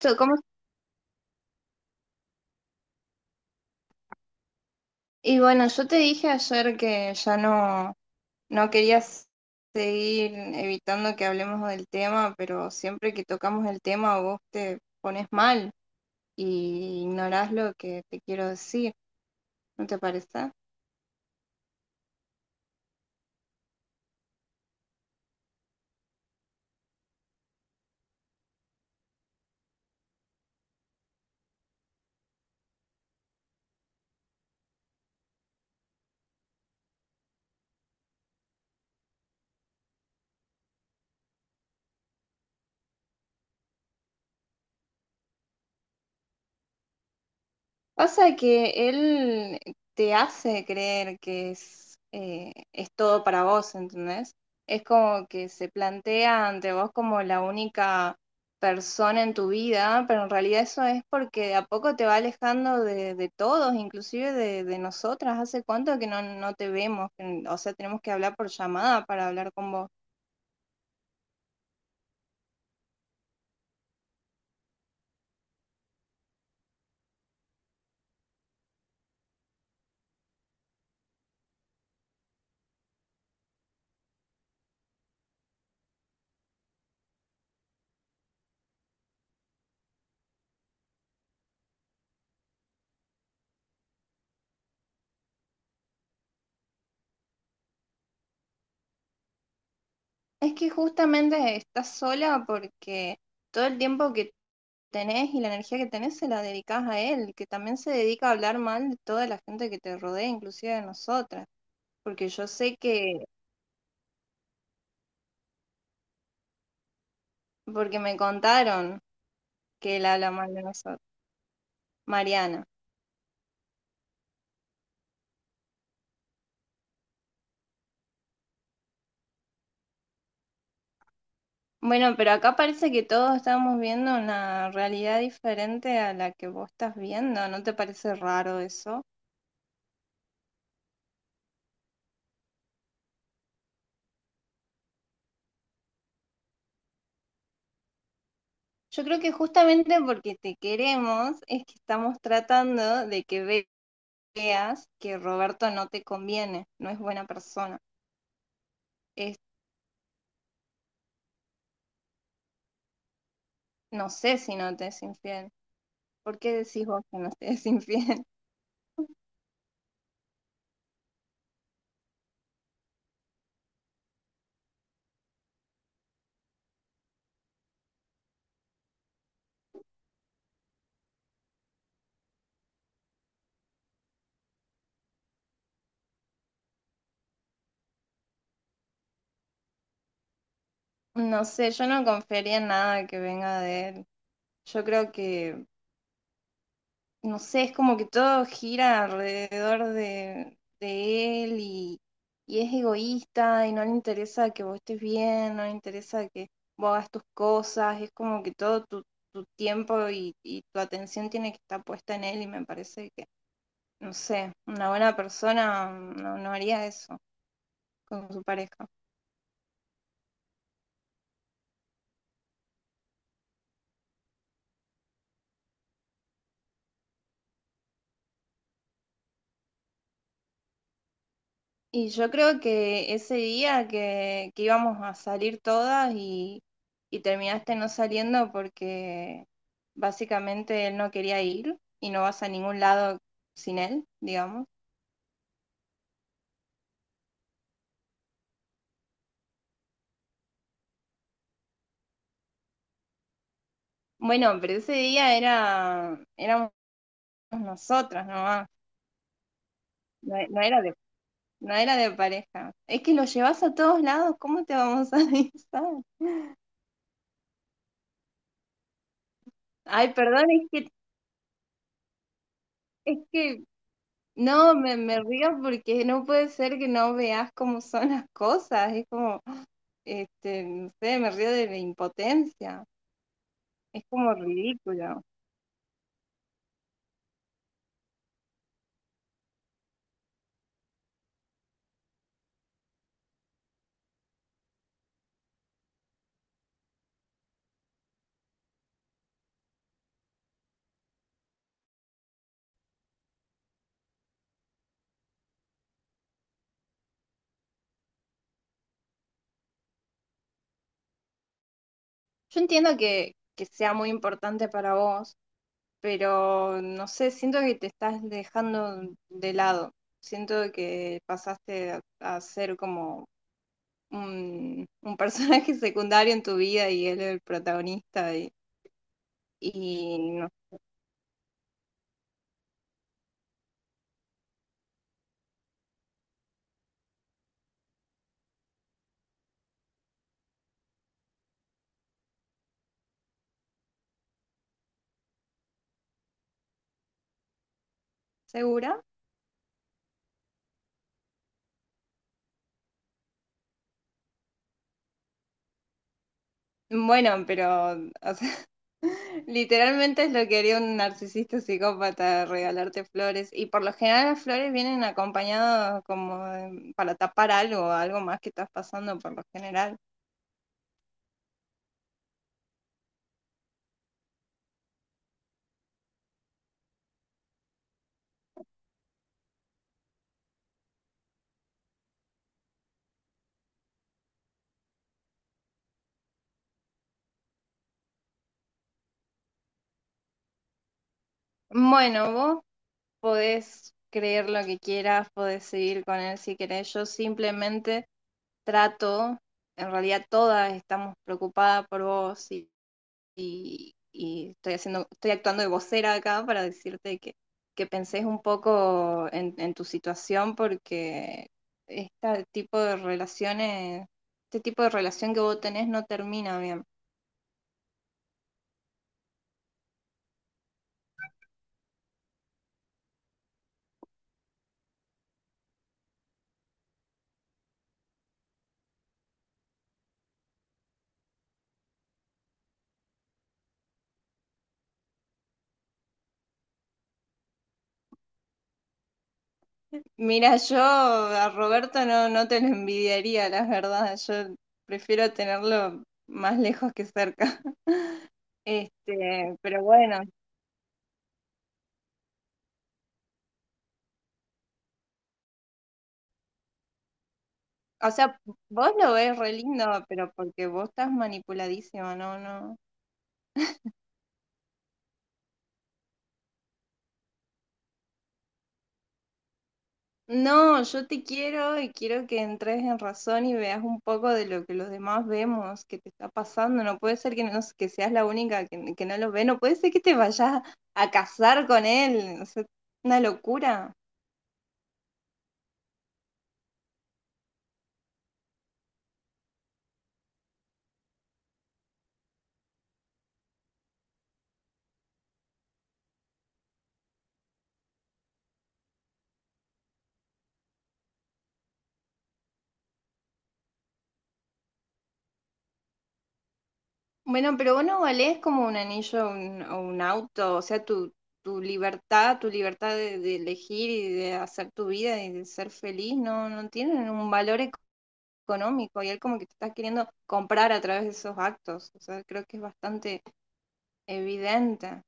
Yo, ¿cómo? Y bueno, yo te dije ayer que ya no quería seguir evitando que hablemos del tema, pero siempre que tocamos el tema vos te pones mal y ignorás lo que te quiero decir, ¿no te parece? Pasa que él te hace creer que es todo para vos, ¿entendés? Es como que se plantea ante vos como la única persona en tu vida, pero en realidad eso es porque de a poco te va alejando de todos, inclusive de nosotras. ¿Hace cuánto que no te vemos? O sea, tenemos que hablar por llamada para hablar con vos. Es que justamente estás sola porque todo el tiempo que tenés y la energía que tenés se la dedicás a él, que también se dedica a hablar mal de toda la gente que te rodea, inclusive de nosotras, porque yo sé que, porque me contaron que él habla mal de nosotros, Mariana. Bueno, pero acá parece que todos estamos viendo una realidad diferente a la que vos estás viendo, ¿no te parece raro eso? Yo creo que justamente porque te queremos es que estamos tratando de que veas que Roberto no te conviene, no es buena persona. Es No sé si no te es infiel. ¿Por qué decís vos que no te es infiel? No sé, yo no confiaría en nada que venga de él. Yo creo que, no sé, es como que todo gira alrededor de él y es egoísta y no le interesa que vos estés bien, no le interesa que vos hagas tus cosas, es como que todo tu tiempo y tu atención tiene que estar puesta en él y me parece que, no sé, una buena persona no haría eso con su pareja. Y yo creo que ese día que íbamos a salir todas y terminaste no saliendo porque básicamente él no quería ir y no vas a ningún lado sin él, digamos. Bueno, pero ese día era, éramos nosotras nomás, no era no era de pareja. Es que lo llevas a todos lados, ¿cómo te vamos a avisar? Ay, perdón, es que No, me río porque no puede ser que no veas cómo son las cosas. Es como, no sé, me río de la impotencia. Es como ridículo. Yo entiendo que sea muy importante para vos, pero no sé, siento que te estás dejando de lado. Siento que pasaste a ser como un personaje secundario en tu vida y él el protagonista y no, ¿segura? Bueno, pero, o sea, literalmente es lo que haría un narcisista psicópata, regalarte flores. Y por lo general las flores vienen acompañadas como para tapar algo, algo más que estás pasando por lo general. Bueno, vos podés creer lo que quieras, podés seguir con él si querés. Yo simplemente trato, en realidad todas estamos preocupadas por vos y y estoy haciendo, estoy actuando de vocera acá para decirte que pensés un poco en tu situación porque este tipo de relaciones, este tipo de relación que vos tenés no termina bien. Mira, yo a Roberto no te lo envidiaría, la verdad. Yo prefiero tenerlo más lejos que cerca. Pero bueno, o sea, vos lo ves re lindo, pero porque vos estás manipuladísima, No, yo te quiero y quiero que entres en razón y veas un poco de lo que los demás vemos, que te está pasando. No puede ser que, no, que seas la única que no lo ve, no puede ser que te vayas a casar con él. O sea, una locura. Bueno, pero vos no valés como un anillo o un auto, o sea, tu libertad de elegir y de hacer tu vida y de ser feliz, no tienen un valor económico y él como que te está queriendo comprar a través de esos actos. O sea, creo que es bastante evidente.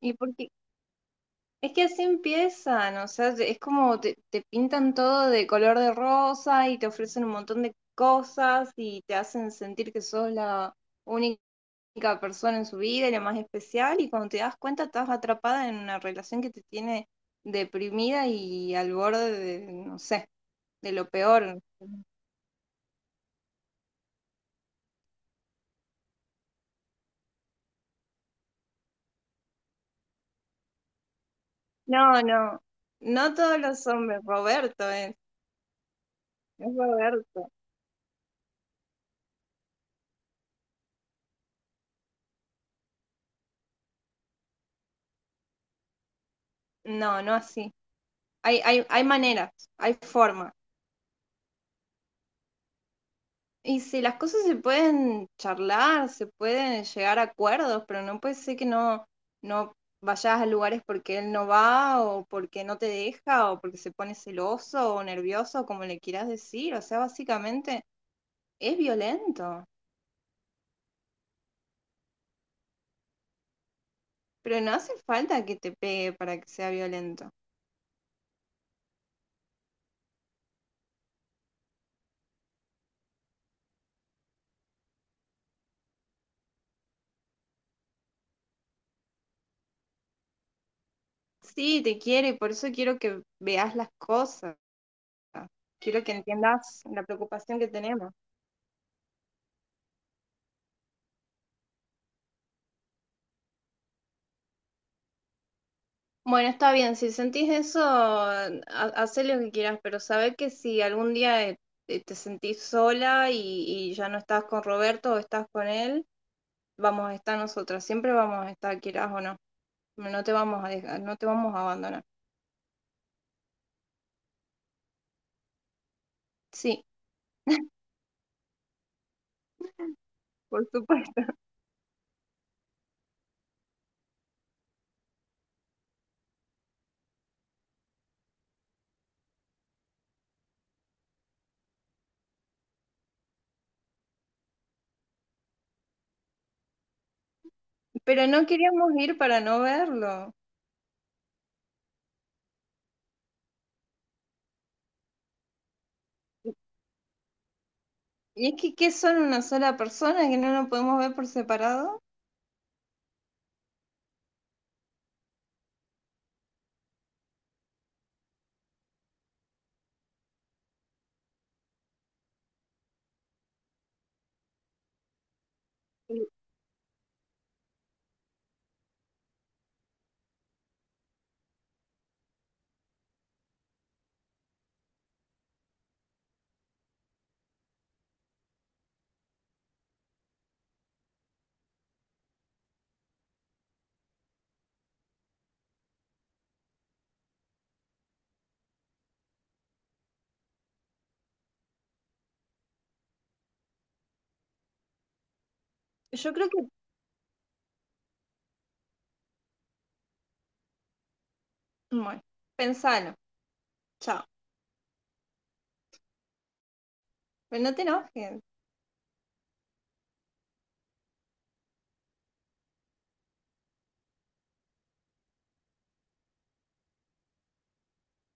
Y porque Es que así empiezan, o sea, es como te pintan todo de color de rosa y te ofrecen un montón de cosas y te hacen sentir que sos la única persona en su vida y la más especial y cuando te das cuenta estás atrapada en una relación que te tiene deprimida y al borde de, no sé, de lo peor. No, no, no todos los hombres, es Roberto. No, no así. Hay maneras, hay formas. Y si las cosas se pueden charlar, se pueden llegar a acuerdos, pero no puede ser que no vayas a lugares porque él no va o porque no te deja o porque se pone celoso o nervioso, como le quieras decir. O sea, básicamente es violento, pero no hace falta que te pegue para que sea violento. Sí, te quiere, por eso quiero que veas las cosas. Quiero que entiendas la preocupación que tenemos. Bueno, está bien, si sentís eso, hacé lo que quieras, pero sabé que si algún día te sentís sola y ya no estás con Roberto o estás con él, vamos a estar nosotras, siempre vamos a estar, quieras o no. No te vamos a dejar, no te vamos a abandonar. Sí, por supuesto. Pero no queríamos ir para no verlo. ¿Y es que qué son una sola persona que no nos podemos ver por separado? Yo creo que, bueno, pensalo. Chao. Pero no te enojes.